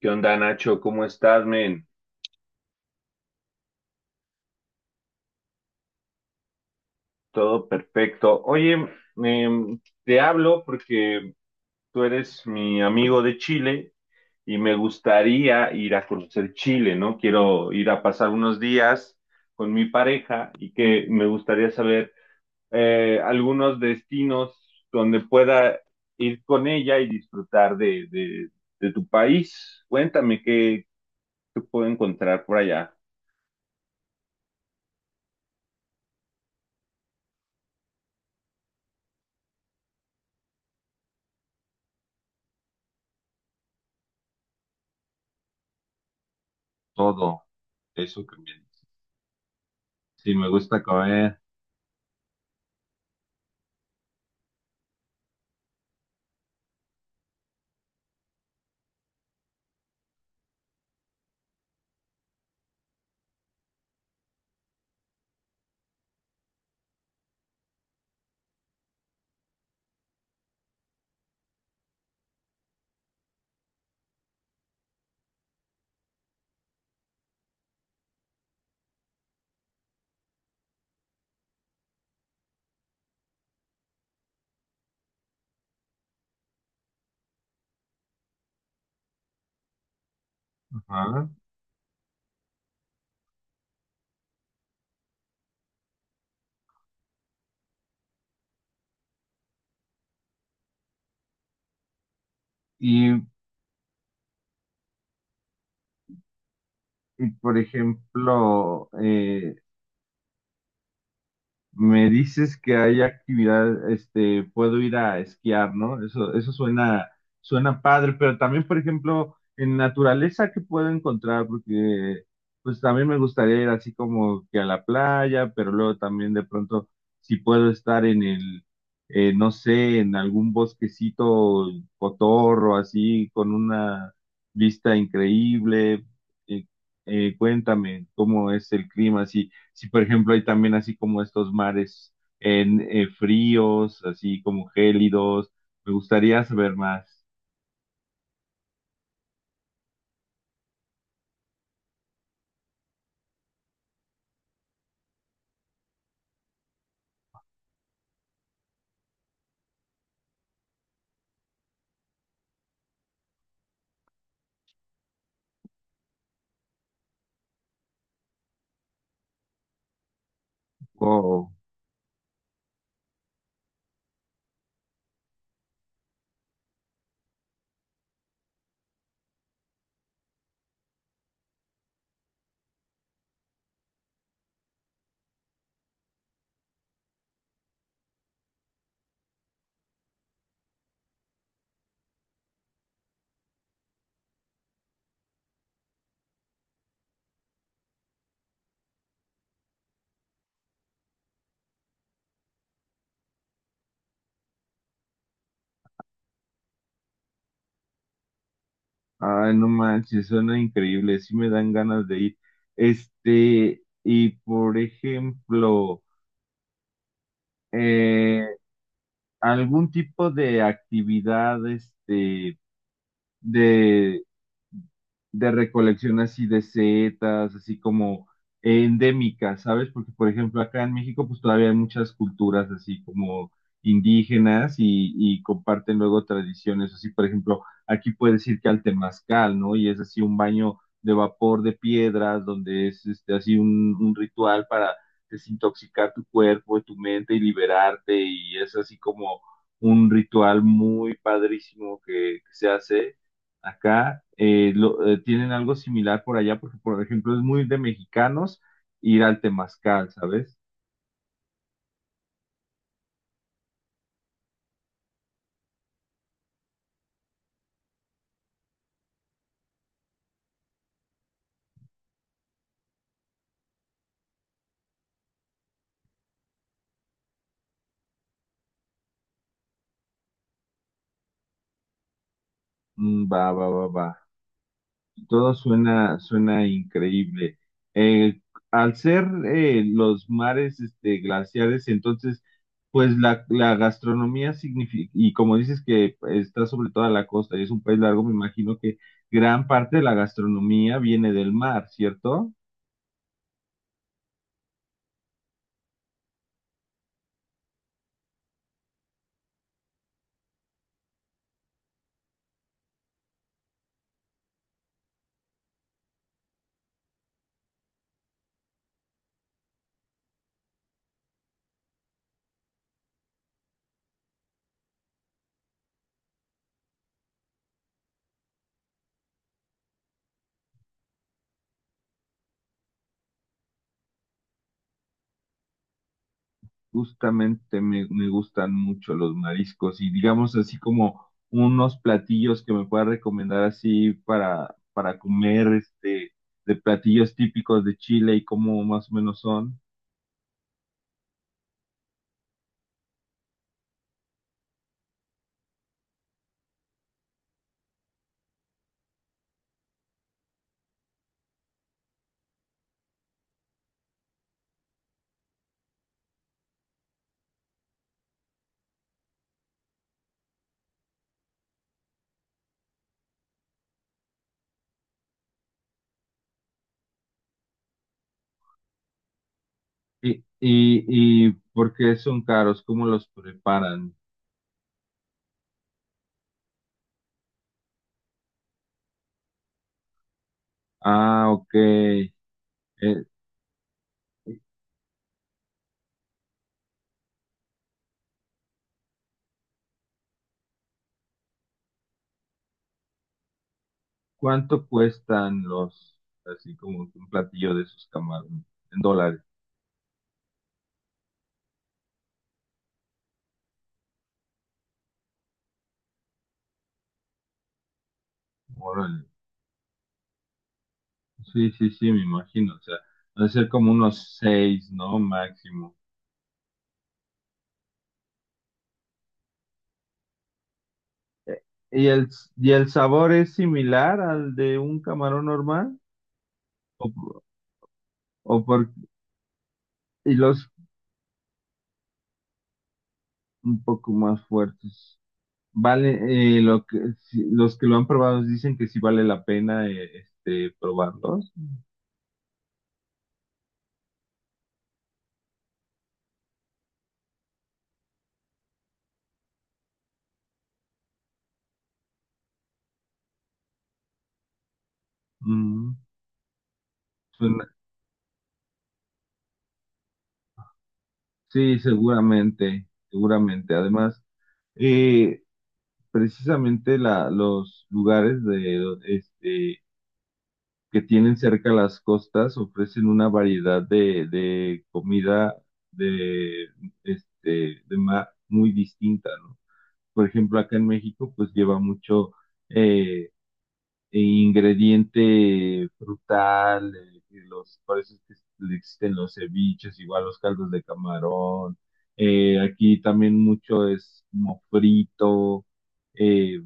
¿Qué onda, Nacho? ¿Cómo estás, men? Todo perfecto. Oye, te hablo porque tú eres mi amigo de Chile y me gustaría ir a conocer Chile, ¿no? Quiero ir a pasar unos días con mi pareja y que me gustaría saber algunos destinos donde pueda ir con ella y disfrutar de tu país. Cuéntame qué puedo encontrar por allá. Todo eso también. Sí, me gusta comer. Ajá. Y, por ejemplo, me dices que hay actividad, este, puedo ir a esquiar, ¿no? Eso suena, suena padre, pero también, por ejemplo, en naturaleza, ¿qué puedo encontrar? Porque pues también me gustaría ir así como que a la playa, pero luego también de pronto, si puedo estar en no sé, en algún bosquecito cotorro, así, con una vista increíble. Eh, cuéntame cómo es el clima, así si por ejemplo hay también así como estos mares en fríos, así como gélidos, me gustaría saber más. Wow, ay, no manches, suena increíble, sí me dan ganas de ir. Este, y por ejemplo, eh, algún tipo de actividad, este, de de recolección así de setas, así como endémicas, ¿sabes? Porque, por ejemplo, acá en México, pues todavía hay muchas culturas así como indígenas y comparten luego tradiciones, así, por ejemplo, aquí puedes ir que al temazcal, ¿no? Y es así un baño de vapor de piedras, donde es este, así un ritual para desintoxicar tu cuerpo, tu mente y liberarte, y es así como un ritual muy padrísimo que se hace acá, tienen algo similar por allá, porque por ejemplo es muy de mexicanos ir al temazcal, ¿sabes? Mm, va, va, va, va. Todo suena, suena increíble. Eh, al ser los mares este, glaciares, entonces, pues la gastronomía significa, y como dices que está sobre toda la costa y es un país largo, me imagino que gran parte de la gastronomía viene del mar, ¿cierto? Justamente me gustan mucho los mariscos y digamos así como unos platillos que me pueda recomendar así para comer este de platillos típicos de Chile y cómo más o menos son. y, y por qué son caros, cómo los preparan. Ah, ok. ¿Cuánto cuestan los así como un platillo de esos camarones en dólares? Órale. Sí, sí, sí, me imagino. O sea, debe ser como unos seis, ¿no? Máximo. ¿Y el, ¿y el sabor es similar al de un camarón normal? ¿O, por- o por, y los un poco más fuertes? Vale, lo que, si- los que lo han probado dicen que sí vale la pena este, probarlos. Mm, suena- sí, seguramente, seguramente. Además, eh, precisamente los lugares de este que tienen cerca las costas ofrecen una variedad de comida de, este, de mar muy distinta, ¿no? Por ejemplo, acá en México, pues lleva mucho eh, ingrediente frutal, que los, por eso es que le existen los ceviches, igual los caldos de camarón. Aquí también mucho es como frito, eh,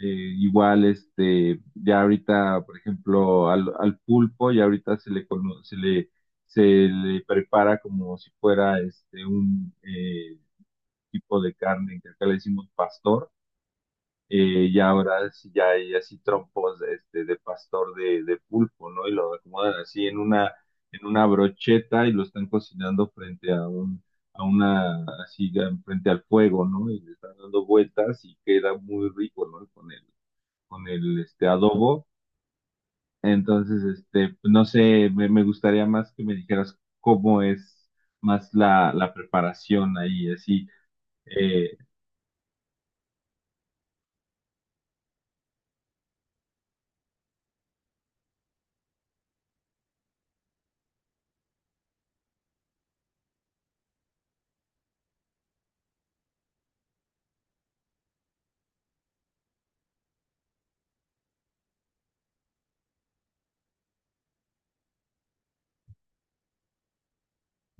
eh, igual, este, ya ahorita, por ejemplo, al pulpo, ya ahorita se le, cono- se le prepara como si fuera este, un tipo de carne que acá le decimos pastor. Y ahora sí ya hay así trompos este, de pastor de pulpo, ¿no? Y lo acomodan así en en una brocheta y lo están cocinando frente a a una, así, ya frente al fuego, ¿no? Y le están dando vueltas y queda muy rico, ¿no? Con el este, adobo. Entonces, este, no sé, me gustaría más que me dijeras cómo es más la preparación ahí, así. Eh,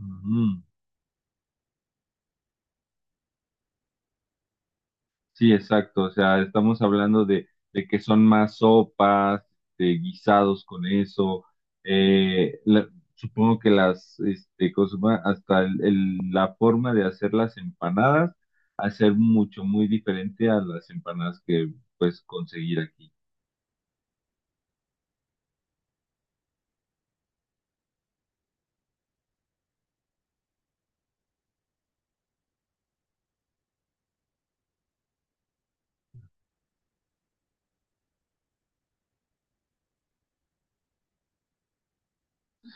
ujú. Sí, exacto. O sea, estamos hablando de que son más sopas, de guisados con eso. Eh, supongo que las, este, ¿cómo se llama? Hasta la forma de hacer las empanadas, hacer mucho, muy diferente a las empanadas que puedes conseguir aquí.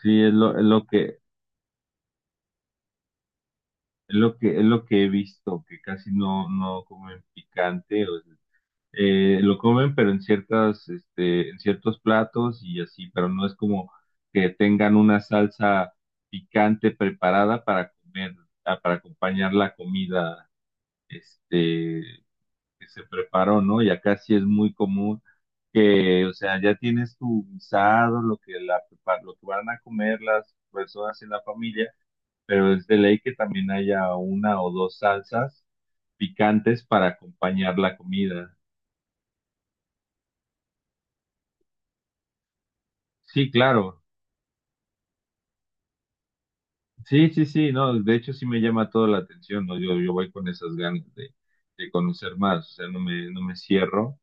Sí, es lo que he visto, que casi no comen picante, o sea, lo comen pero en ciertas, este, en ciertos platos y así, pero no es como que tengan una salsa picante preparada para comer, ah, para acompañar la comida, este, que se preparó, ¿no? Y acá sí es muy común que, o sea, ya tienes tu guisado, lo que lo que van a comer las personas en la familia, pero es de ley que también haya una o dos salsas picantes para acompañar la comida. Sí, claro. Sí, sí, sí, no, de hecho sí me llama toda la atención, ¿no? Yo voy con esas ganas de conocer más, o sea, no me cierro.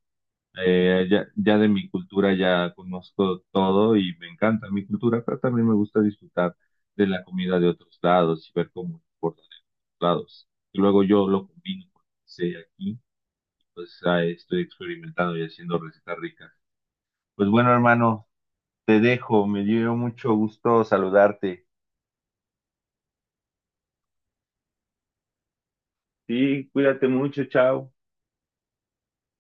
Ya de mi cultura ya conozco todo y me encanta mi cultura, pero también me gusta disfrutar de la comida de otros lados y ver cómo se comportan en otros lados. Y luego yo lo combino con lo que sé aquí, pues ahí estoy experimentando y haciendo recetas ricas. Pues bueno, hermano, te dejo, me dio mucho gusto saludarte. Sí, cuídate mucho, chao.